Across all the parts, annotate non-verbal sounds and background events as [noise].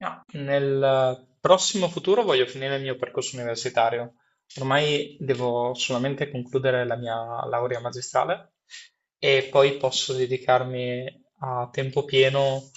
No, nel prossimo futuro voglio finire il mio percorso universitario. Ormai devo solamente concludere la mia laurea magistrale e poi posso dedicarmi a tempo pieno,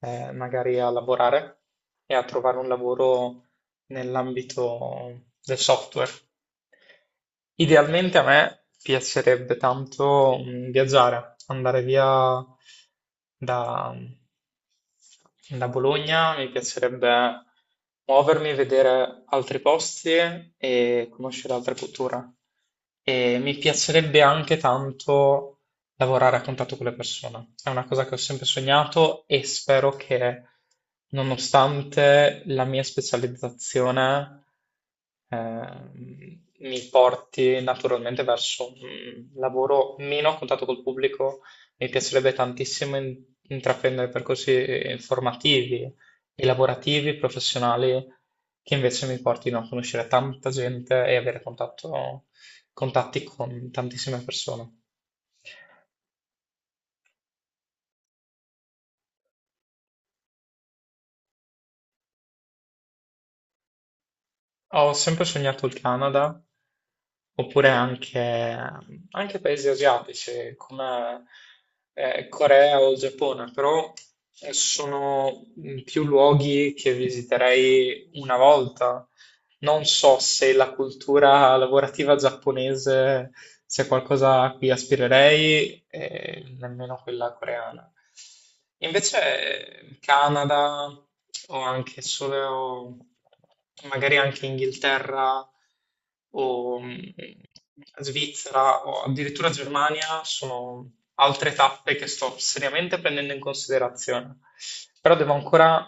magari a lavorare e a trovare un lavoro nell'ambito del software. Idealmente a me piacerebbe tanto viaggiare, andare via da, da Bologna, mi piacerebbe muovermi, vedere altri posti e conoscere altre culture. E mi piacerebbe anche tanto lavorare a contatto con le persone. È una cosa che ho sempre sognato e spero che, nonostante la mia specializzazione, mi porti naturalmente verso un lavoro meno a contatto col pubblico. Mi piacerebbe tantissimo intraprendere percorsi formativi e lavorativi, professionali, che invece mi portino a conoscere tanta gente e avere contatti con tantissime persone. Ho sempre sognato il Canada, oppure anche paesi asiatici come Corea o Giappone, però sono più luoghi che visiterei una volta. Non so se la cultura lavorativa giapponese sia qualcosa a cui aspirerei, e nemmeno quella coreana. Invece Canada o anche solo, magari anche Inghilterra o Svizzera o addirittura Germania sono altre tappe che sto seriamente prendendo in considerazione. Però devo ancora,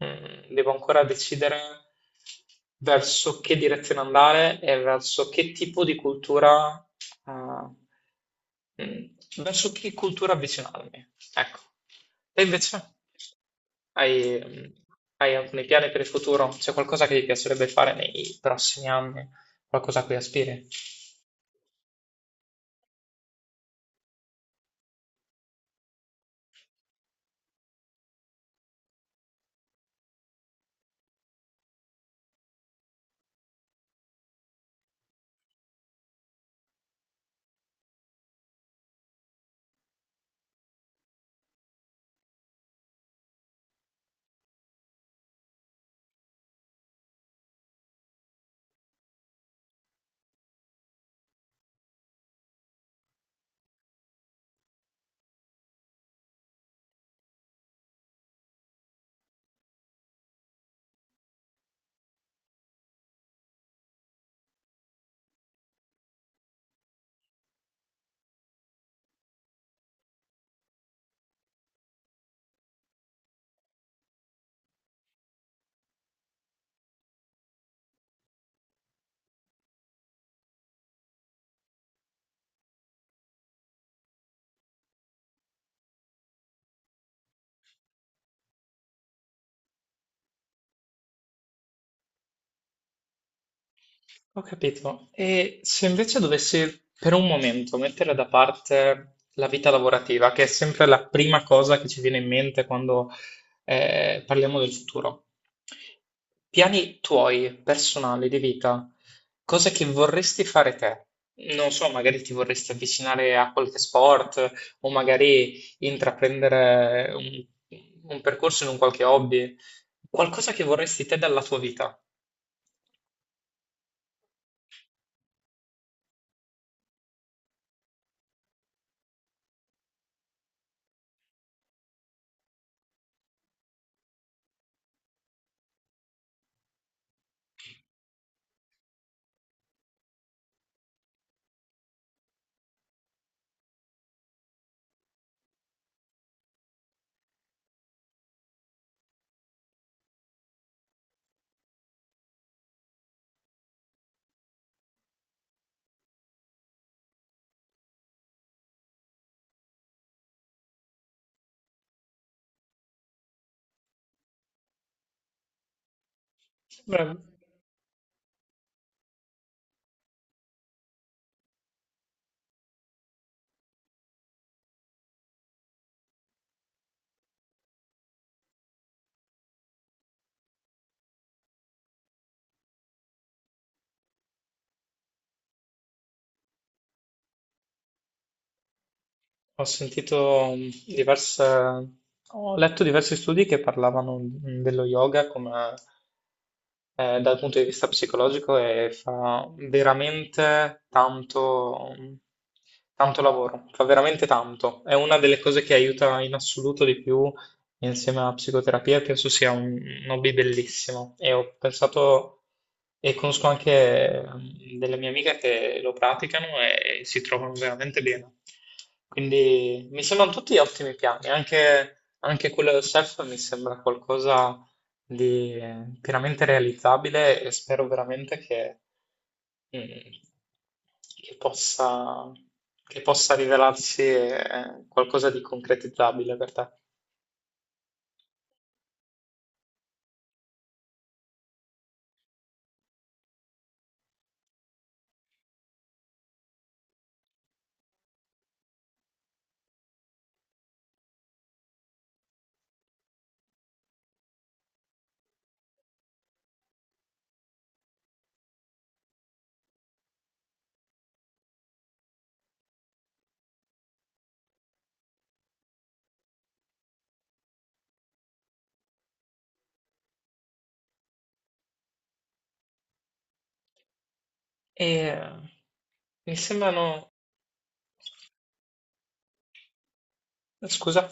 mh, devo ancora decidere verso che direzione andare e verso che tipo di cultura, verso che cultura avvicinarmi. Ecco. E invece? Hai, mh, hai alcuni piani per il futuro? C'è qualcosa che ti piacerebbe fare nei prossimi anni? Qualcosa a cui aspiri? Ho capito. E se invece dovessi per un momento mettere da parte la vita lavorativa, che è sempre la prima cosa che ci viene in mente quando parliamo del futuro, piani tuoi personali di vita, cose che vorresti fare te? Non so, magari ti vorresti avvicinare a qualche sport o magari intraprendere un percorso in un qualche hobby, qualcosa che vorresti te dalla tua vita. Ho sentito mm, diverse, ho letto diversi studi che parlavano dello yoga come dal punto di vista psicologico e fa veramente tanto, tanto lavoro, fa veramente tanto. È una delle cose che aiuta in assoluto di più insieme alla psicoterapia penso sia un hobby bellissimo e ho pensato e conosco anche delle mie amiche che lo praticano e si trovano veramente bene. Quindi mi sembrano tutti ottimi piani, anche quello del surf mi sembra qualcosa di pienamente realizzabile e spero veramente mm, che possa, che possa rivelarsi qualcosa di concretizzabile per te. E mi sembrano. Scusa?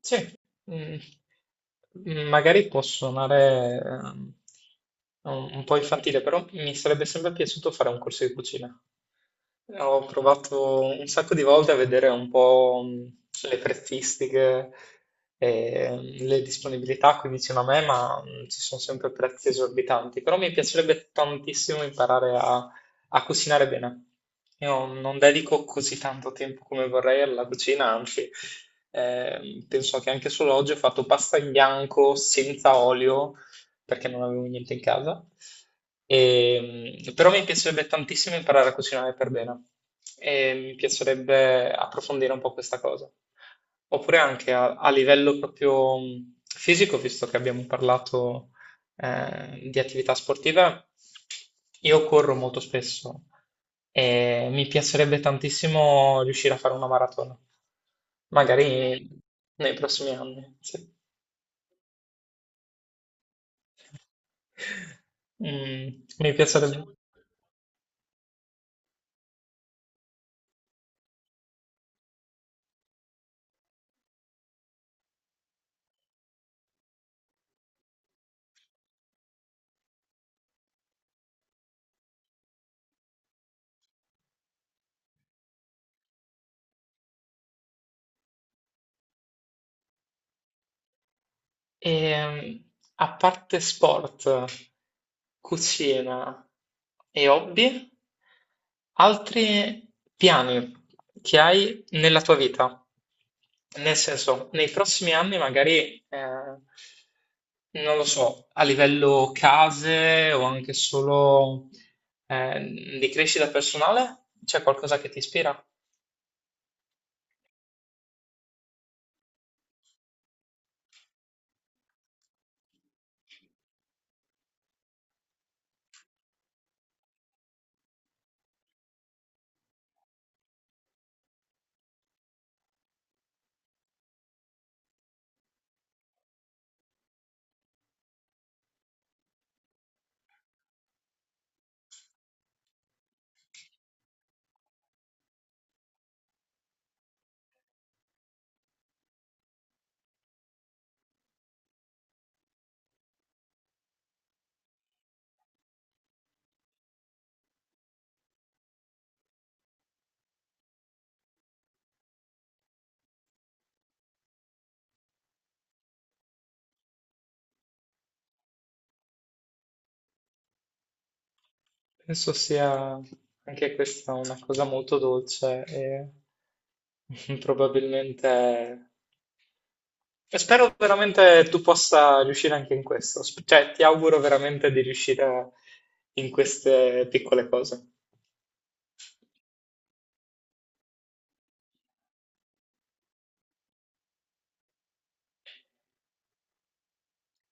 Sì. Mm. Magari può suonare un po' infantile, però mi sarebbe sempre piaciuto fare un corso di cucina. Ho provato un sacco di volte a vedere un po' le prezzistiche e le disponibilità qui vicino a me, ma ci sono sempre prezzi esorbitanti. Però mi piacerebbe tantissimo imparare a cucinare bene. Io non dedico così tanto tempo come vorrei alla cucina, anzi, penso che anche solo oggi ho fatto pasta in bianco senza olio perché non avevo niente in casa. Però mi piacerebbe tantissimo imparare a cucinare per bene e mi piacerebbe approfondire un po' questa cosa. Oppure anche a livello proprio fisico, visto che abbiamo parlato di attività sportiva, io corro molto spesso e mi piacerebbe tantissimo riuscire a fare una maratona, magari nei prossimi anni, sì. Mi piacerebbe. E, a parte sport, cucina e hobby? Altri piani che hai nella tua vita? Nel senso, nei prossimi anni magari, non lo so, a livello case o anche solo, di crescita personale, c'è qualcosa che ti ispira? Penso sia anche questa una cosa molto dolce e [laughs] probabilmente. E spero veramente tu possa riuscire anche in questo, cioè ti auguro veramente di riuscire in queste piccole cose.